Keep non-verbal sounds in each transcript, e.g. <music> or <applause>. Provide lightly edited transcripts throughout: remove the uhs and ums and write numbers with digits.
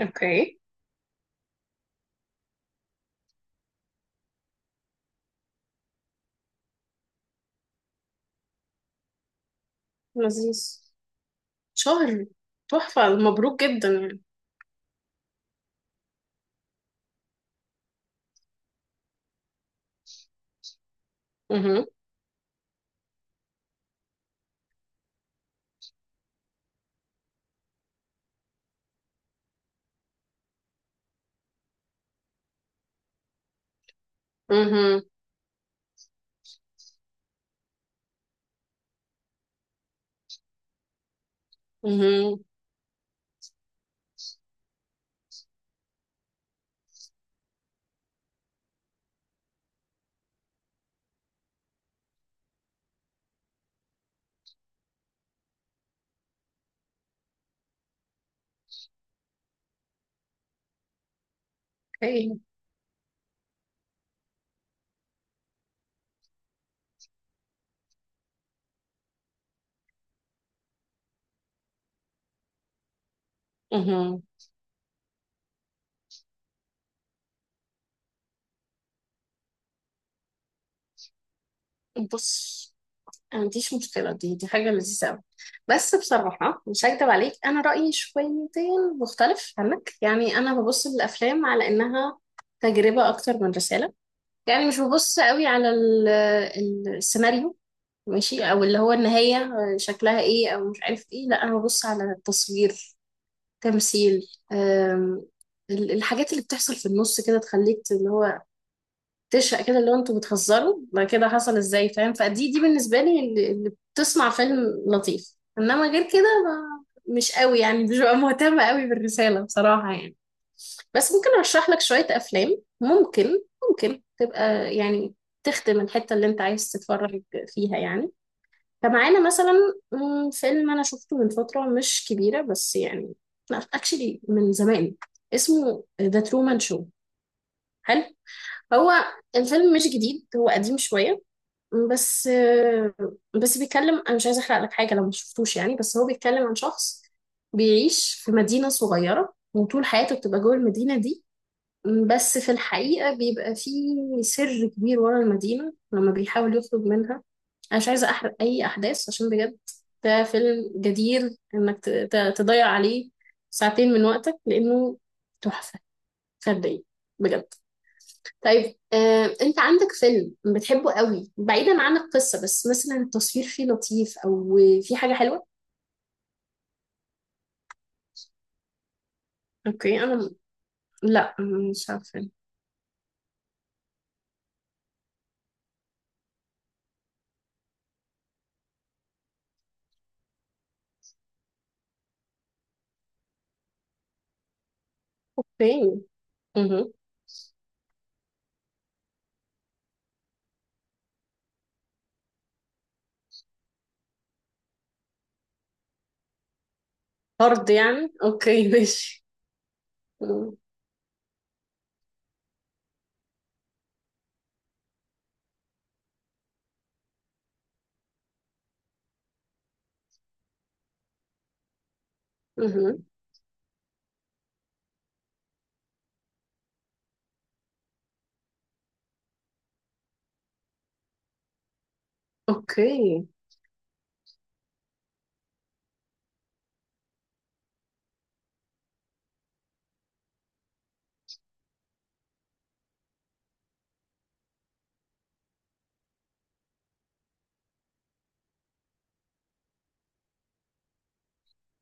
اوكي. لذيذ. شهر. تحفة، مبروك جدا يعني. اها. اها. اها. اوكي. اها. بص، أنا ما عنديش مشكلة، دي حاجة لذيذة أوي. بس بصراحة مش هكدب عليك، أنا رأيي شويتين مختلف عنك. يعني أنا ببص للأفلام على إنها تجربة أكتر من رسالة. يعني مش ببص قوي على السيناريو ماشي، أو اللي هو النهاية شكلها إيه أو مش عارف إيه. لا، أنا ببص على التصوير، تمثيل، الحاجات اللي بتحصل في النص كده تخليك اللي هو تشقى كده، اللي هو انتوا بتهزروا ما كده، حصل ازاي، فاهم. فدي بالنسبة لي اللي بتصنع فيلم لطيف، انما غير كده ما مش قوي يعني، مش ببقى مهتمة قوي بالرسالة بصراحة يعني. بس ممكن ارشح لك شوية افلام ممكن تبقى يعني تخدم الحتة اللي انت عايز تتفرج فيها يعني. فمعانا مثلا، فيلم انا شفته من فتره مش كبيره بس يعني لا اكشلي من زمان، اسمه ذا ترومان شو. حلو. هو الفيلم مش جديد، هو قديم شويه، بس بس بيتكلم، انا مش عايزه احرق لك حاجه لو ما شفتوش يعني، بس هو بيتكلم عن شخص بيعيش في مدينه صغيره وطول حياته بتبقى جوه المدينه دي، بس في الحقيقه بيبقى فيه سر كبير ورا المدينه لما بيحاول يخرج منها. انا مش عايزه احرق اي احداث عشان بجد ده فيلم جدير انك تضيع عليه ساعتين من وقتك، لانه تحفه فرديه بجد. طيب، انت عندك فيلم بتحبه قوي بعيدا عن القصه، بس مثلا التصوير فيه لطيف او فيه حاجه حلوه؟ اوكي، لا، مش عارفه. اوكي. مه. فرد يعني، اوكي <laughs> ماشي. مه. مه. اوكي.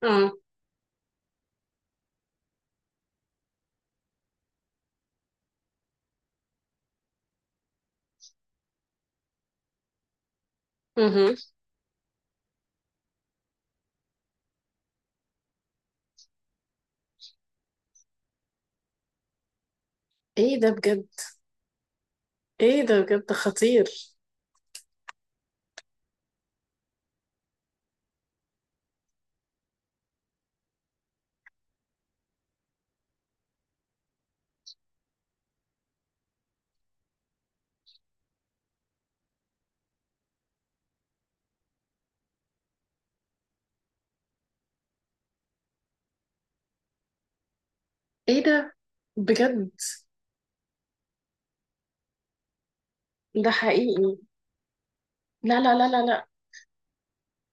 اه. مه. ايه ده بجد. ايه ده بجد خطير. ايه ده بجد، ده حقيقي؟ لا،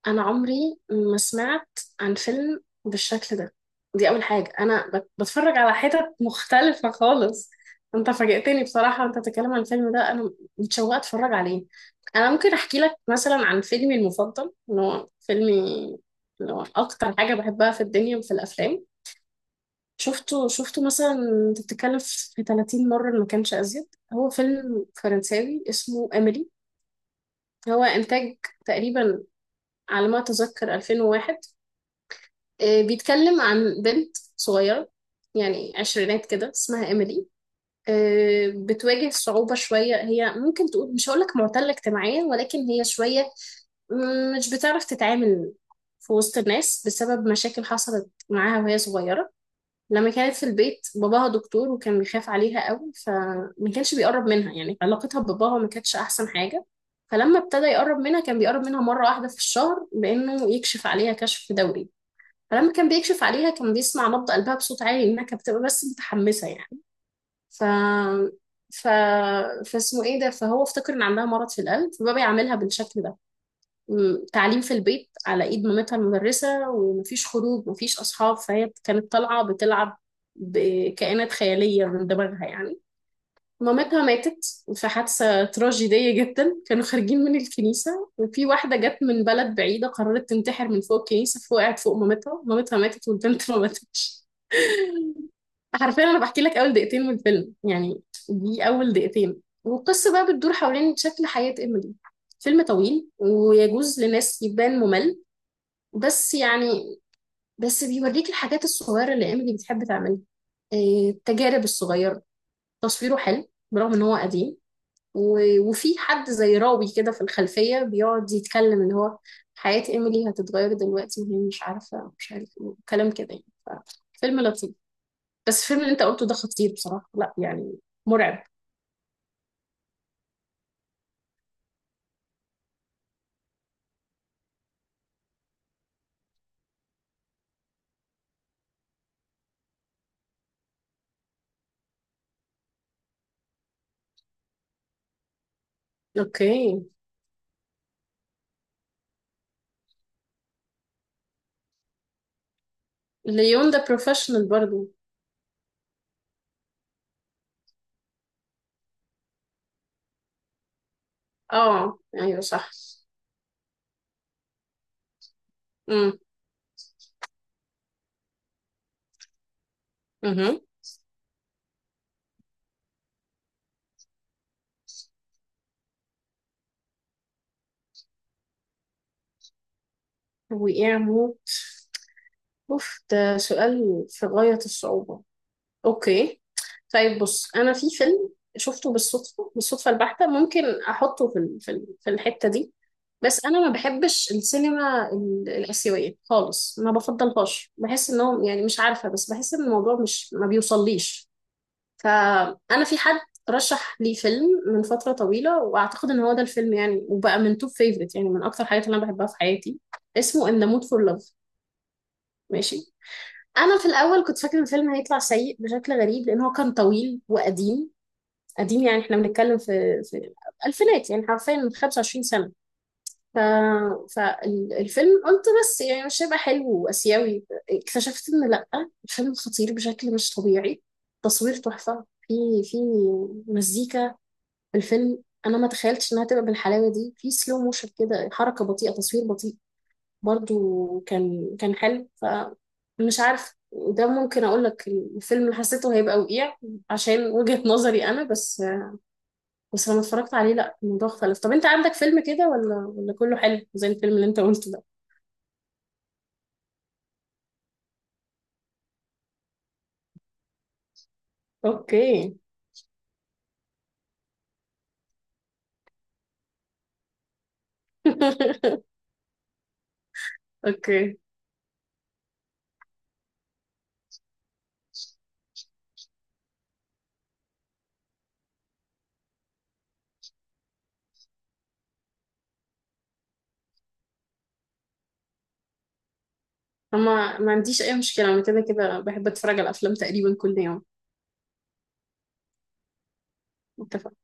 انا عمري ما سمعت عن فيلم بالشكل ده. دي اول حاجه، بتفرج على حتت مختلفه خالص. انت فاجئتني بصراحه، انت بتتكلم عن الفيلم ده انا متشوقه اتفرج عليه. انا ممكن احكي لك مثلا عن فيلمي المفضل، اللي هو فيلمي اللي هو اكتر حاجه بحبها في الدنيا وفي الافلام. شفته مثلا، انت بتتكلم، في 30 مره إن ما كانش ازيد. هو فيلم فرنساوي اسمه، هو إنتاج تقريبا على ما أتذكر 2001. آه، بيتكلم عن بنت صغيرة يعني عشرينات كده اسمها إيميلي. آه، بتواجه صعوبة شوية، هي ممكن تقول مش هقولك معتلة اجتماعيا، ولكن هي شوية مش بتعرف تتعامل في وسط الناس بسبب مشاكل حصلت معاها وهي صغيرة. لما كانت في البيت، باباها دكتور وكان بيخاف عليها قوي فما كانش بيقرب منها، يعني علاقتها بباباها ما كانتش احسن حاجة. فلما ابتدى يقرب منها كان بيقرب منها مرة واحدة في الشهر، بانه يكشف عليها كشف دوري. فلما كان بيكشف عليها كان بيسمع نبض قلبها بصوت عالي لانها كانت بتبقى بس متحمسة يعني. ف ف فاسمه ايه ده، فهو افتكر ان عندها مرض في القلب فبقى بيعاملها بالشكل ده. تعليم في البيت على ايد مامتها المدرسة، ومفيش خروج، مفيش اصحاب. فهي كانت طالعة بتلعب بكائنات خيالية من دماغها يعني. مامتها ماتت في حادثة تراجيدية جدا، كانوا خارجين من الكنيسة وفي واحدة جت من بلد بعيدة قررت تنتحر من فوق الكنيسة فوقعت فوق مامتها، مامتها ماتت والبنت ما ماتتش. <laughs> حرفيا أنا بحكي لك أول دقيقتين من الفيلم يعني. دي أول دقيقتين، والقصة بقى بتدور حوالين شكل حياة إيميلي. فيلم طويل ويجوز لناس يبان ممل بس يعني بس بيوريك الحاجات الصغيرة اللي إيميلي بتحب تعملها، إيه، التجارب الصغيرة. تصويره حلو برغم إن هو قديم، وفي حد زي راوي كده في الخلفية بيقعد يتكلم، اللي هو حياة إيميلي هتتغير دلوقتي وهي مش عارفة، مش عارف إيه، كلام كده يعني. فيلم لطيف. بس الفيلم اللي أنت قلته ده خطير بصراحة، لا يعني مرعب. أوكي. ليون ده بروفيشنال برضو. آه أيوه صح. امم. امم. وإعمو، أوف ده سؤال في غاية الصعوبة. أوكي، طيب بص، أنا في فيلم شفته بالصدفة، بالصدفة البحتة، ممكن أحطه في الحتة دي. بس انا ما بحبش السينما الاسيويه خالص، ما بفضلهاش، بحس انهم يعني مش عارفه، بس بحس ان الموضوع مش ما بيوصليش. فانا في حد رشح لي فيلم من فتره طويله، واعتقد ان هو ده الفيلم يعني، وبقى من توب فيفرت يعني من اكتر حاجات اللي انا بحبها في حياتي. اسمه ان ذا مود فور لاف. ماشي. انا في الاول كنت فاكره ان الفيلم هيطلع سيء بشكل غريب لان هو كان طويل وقديم، قديم يعني احنا بنتكلم في الالفينات يعني حرفيا من 25 سنه. ف... فالفيلم قلت بس يعني مش هيبقى حلو وآسيوي. اكتشفت إن لأ، الفيلم خطير بشكل مش طبيعي. تصوير تحفة، في مزيكا في الفيلم، أنا ما تخيلتش إنها تبقى بالحلاوة دي. في سلو موشن كده، حركة بطيئة، تصوير بطيء برضو، كان حلو. فمش عارف، ده ممكن أقول لك الفيلم اللي حسيته هيبقى وقيع عشان وجهة نظري أنا بس، بس لما اتفرجت عليه لأ، الموضوع اختلف. طب أنت عندك فيلم كده، ولا كله حلو زي الفيلم اللي أنت قلته ده؟ اوكي <laughs> اوكي. اما ما عنديش اي مشكله، انا كده كده بحب اتفرج على افلام تقريبا كل يوم. اتفق.